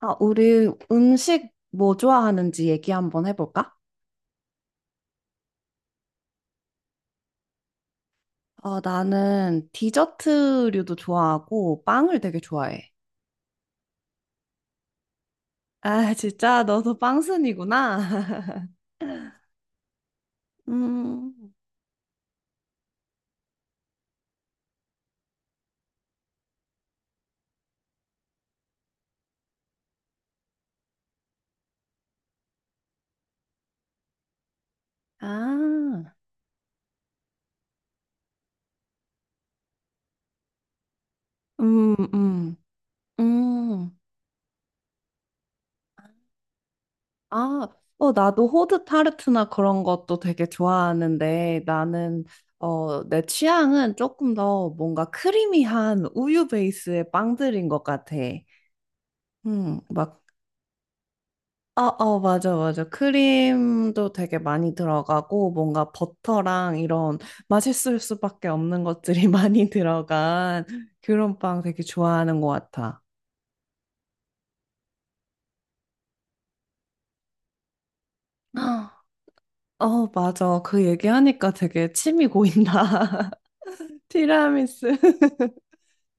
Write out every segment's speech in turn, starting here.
아, 우리 음식 뭐 좋아하는지 얘기 한번 해볼까? 나는 디저트류도 좋아하고 빵을 되게 좋아해. 아, 진짜 너도 빵순이구나. 음, 아, 음, 음, 음. 아, 나도 호두 타르트나 그런 것도 되게 좋아하는데 내 취향은 조금 더 뭔가 크리미한 우유 베이스의 빵들인 것 같아. 음, 막 어, 맞아, 맞아. 크림도 되게 많이 들어가고, 뭔가 버터랑 이런 맛있을 수밖에 없는 것들이 많이 들어간 그런 빵 되게 좋아하는 것 같아. 아, 어, 맞아. 그 얘기하니까 되게 침이 고인다. 티라미수.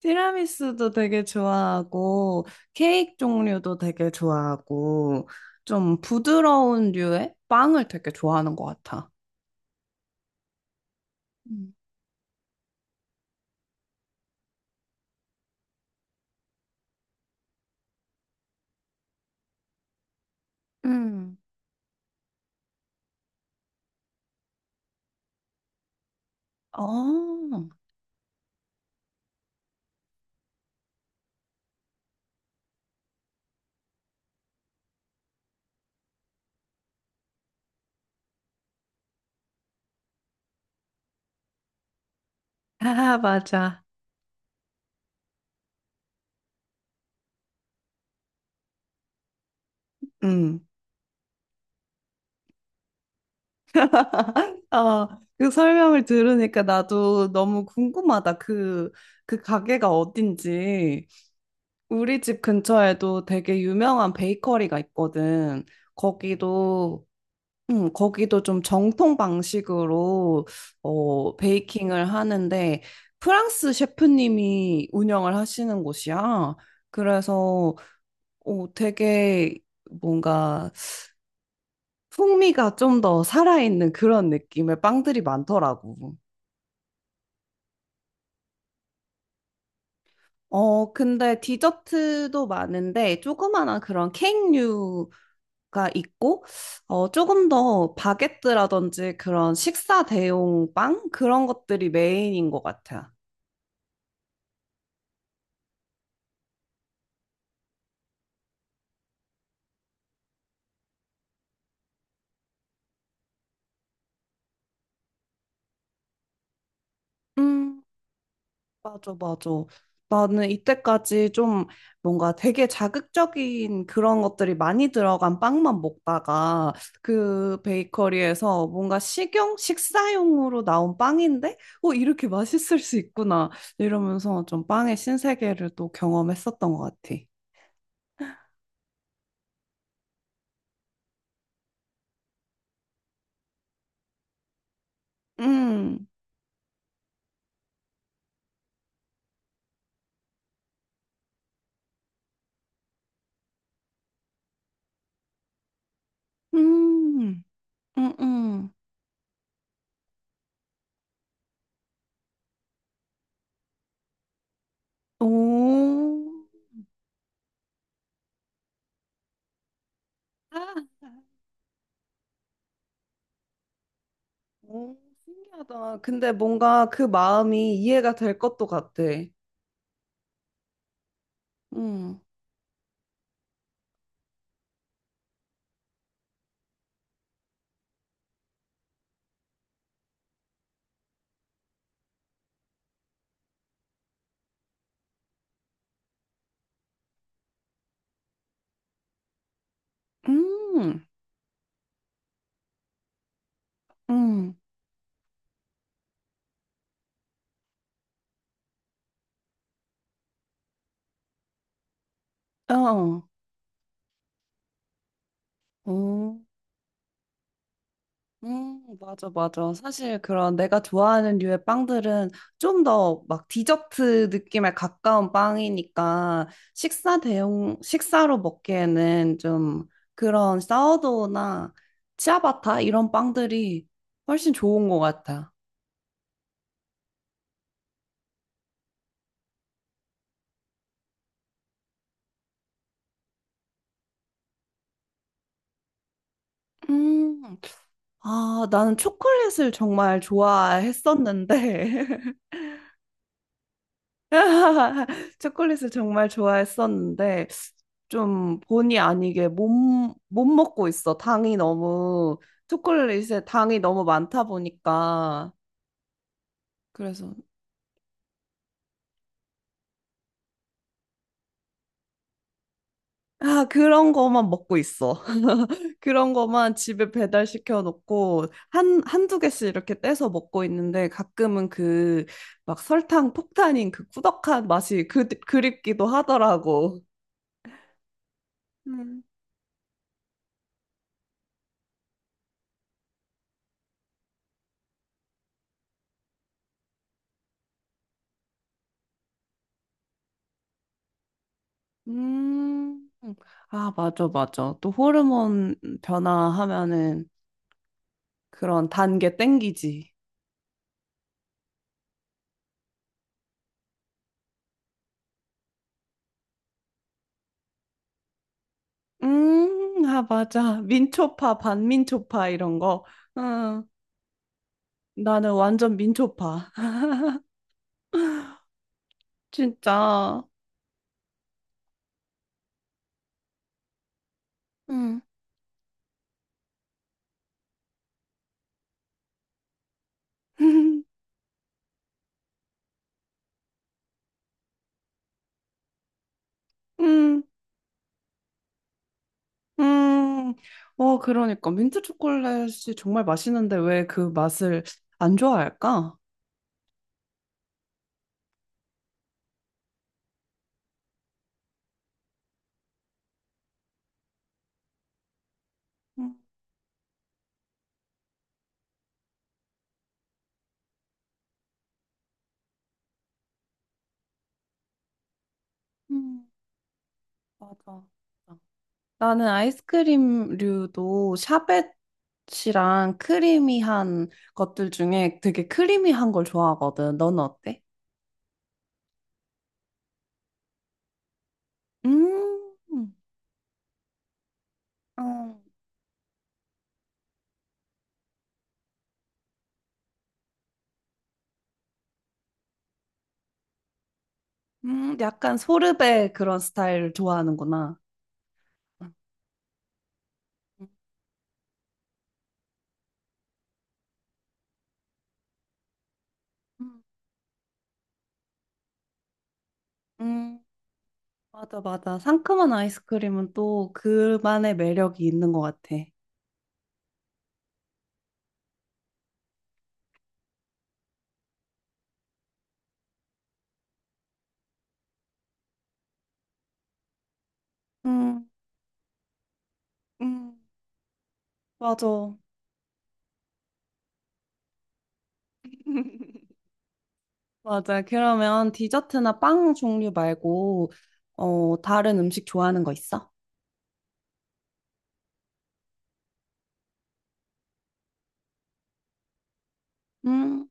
티라미수도 되게 좋아하고, 케이크 종류도 되게 좋아하고, 좀 부드러운 류의 빵을 되게 좋아하는 것 같아. 음. 음. 어, 아, 맞아. 음. 아, 그 설명을 들으니까 나도 너무 궁금하다. 그 가게가 어딘지. 우리 집 근처에도 되게 유명한 베이커리가 있거든. 거기도, 거기도 좀 정통 방식으로, 베이킹을 하는데, 프랑스 셰프님이 운영을 하시는 곳이야. 그래서, 되게 뭔가 풍미가 좀 더 살아있는 그런 느낌의 빵들이 많더라고. 어, 근데 디저트도 많은데 조그마한 그런 케이크류가 있고 어, 조금 더 바게트라든지 그런 식사 대용 빵 그런 것들이 메인인 것 같아. 요 맞아, 맞아. 나는 이때까지 좀 뭔가 되게 자극적인 그런 것들이 많이 들어간 빵만 먹다가 그 베이커리에서 뭔가 식용, 식사용으로 나온 빵인데, 어, 이렇게 맛있을 수 있구나. 이러면서 좀 빵의 신세계를 또 경험했었던 것 같아. 음, 음, 음, 음. 오. 아. 오, 신기하다. 근데 뭔가 그 마음이 이해가 될 것도 같아. 음. 음, 음, 어, 어, 맞아, 맞아. 사실 그런 내가 좋아하는 류의 빵들은 좀 더 막 디저트 느낌에 가까운 빵이니까 식사 대용, 식사로 먹기에는 좀 그런 사워도우나 치아바타 이런 빵들이 훨씬 좋은 것 같아. 음, 아, 나는 초콜릿을 정말 좋아했었는데. 초콜릿을 정말 좋아했었는데 좀 본의 아니게 못, 못 먹고 있어. 당이 너무 초콜릿에 당이 너무 많다 보니까 그래서 아 그런 거만 먹고 있어. 그런 거만 집에 배달시켜 놓고 한 한두 개씩 이렇게 떼서 먹고 있는데 가끔은 막 설탕 폭탄인 그 꾸덕한 맛이 그 그립기도 하더라고. 음, 아, 맞아, 맞아. 또 호르몬 변화하면은 그런 단 게 땡기지. 아, 맞아. 민초파, 반민초파 이런 거. 응, 나는 완전 민초파. 진짜. 응. 음, 음. 어, 그러니까. 민트 초콜릿이 정말 맛있는데 왜 그 맛을 안 좋아할까? 음, 음, 맞아. 나는 아이스크림류도 샤베트랑 크리미한 것들 중에 되게 크리미한 걸 좋아하거든. 너는 어때? 음, 어, 약간 소르베 그런 스타일 좋아하는구나. 음, 음, 맞아, 맞아. 상큼한 아이스크림은 또 그만의 매력이 있는 것 같아. 음, 음, 맞아. 맞아. 그러면 디저트나 빵 종류 말고, 어, 다른 음식 좋아하는 거 있어? 음,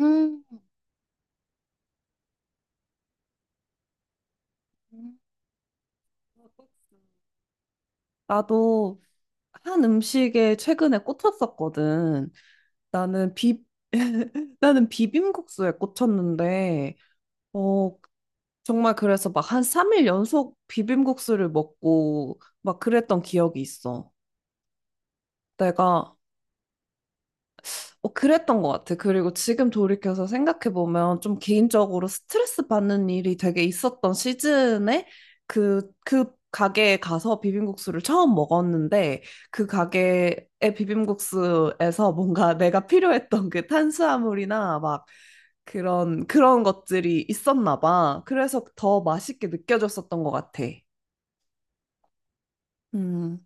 음. 음. 나도 한 음식에 최근에 꽂혔었거든. 나는 비, 나는 비빔국수에 꽂혔는데, 어, 정말 그래서 막 한 3일 연속 비빔국수를 먹고 막 그랬던 기억이 있어. 내가 어, 그랬던 것 같아. 그리고 지금 돌이켜서 생각해보면 좀 개인적으로 스트레스 받는 일이 되게 있었던 시즌에 그 가게에 가서 비빔국수를 처음 먹었는데 그 가게의 비빔국수에서 뭔가 내가 필요했던 그 탄수화물이나 막 그런 것들이 있었나 봐. 그래서 더 맛있게 느껴졌었던 것 같아. 음,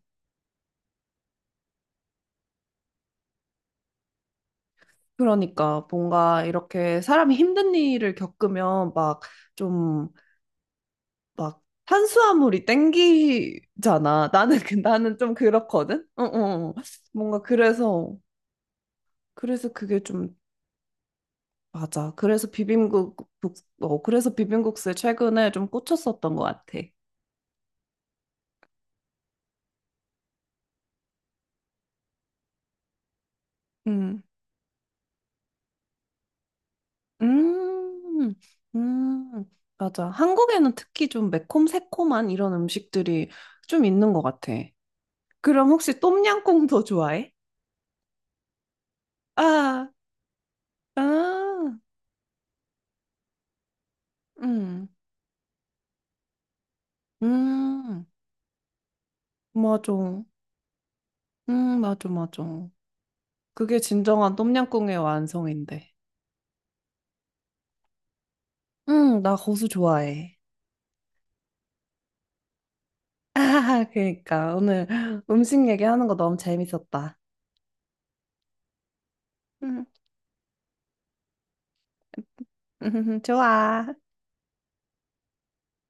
그러니까 뭔가 이렇게 사람이 힘든 일을 겪으면 막좀 막 탄수화물이 땡기잖아. 나는 좀 그렇거든. 어, 어. 어. 뭔가 그래서 그래서 그게 좀 맞아. 어, 그래서 비빔국수에 최근에 좀 꽂혔었던 것 같아. 음. 음. 음. 맞아. 한국에는 특히 좀 매콤 새콤한 이런 음식들이 좀 있는 것 같아. 그럼 혹시 똠양꿍도 좋아해? 아, 아, 음, 음, 맞아. 맞아, 맞아. 그게 진정한 똠양꿍의 완성인데. 응, 나 고수 좋아해. 아, 그러니까 오늘 음식 얘기하는 거 너무 재밌었다. 음, 좋아.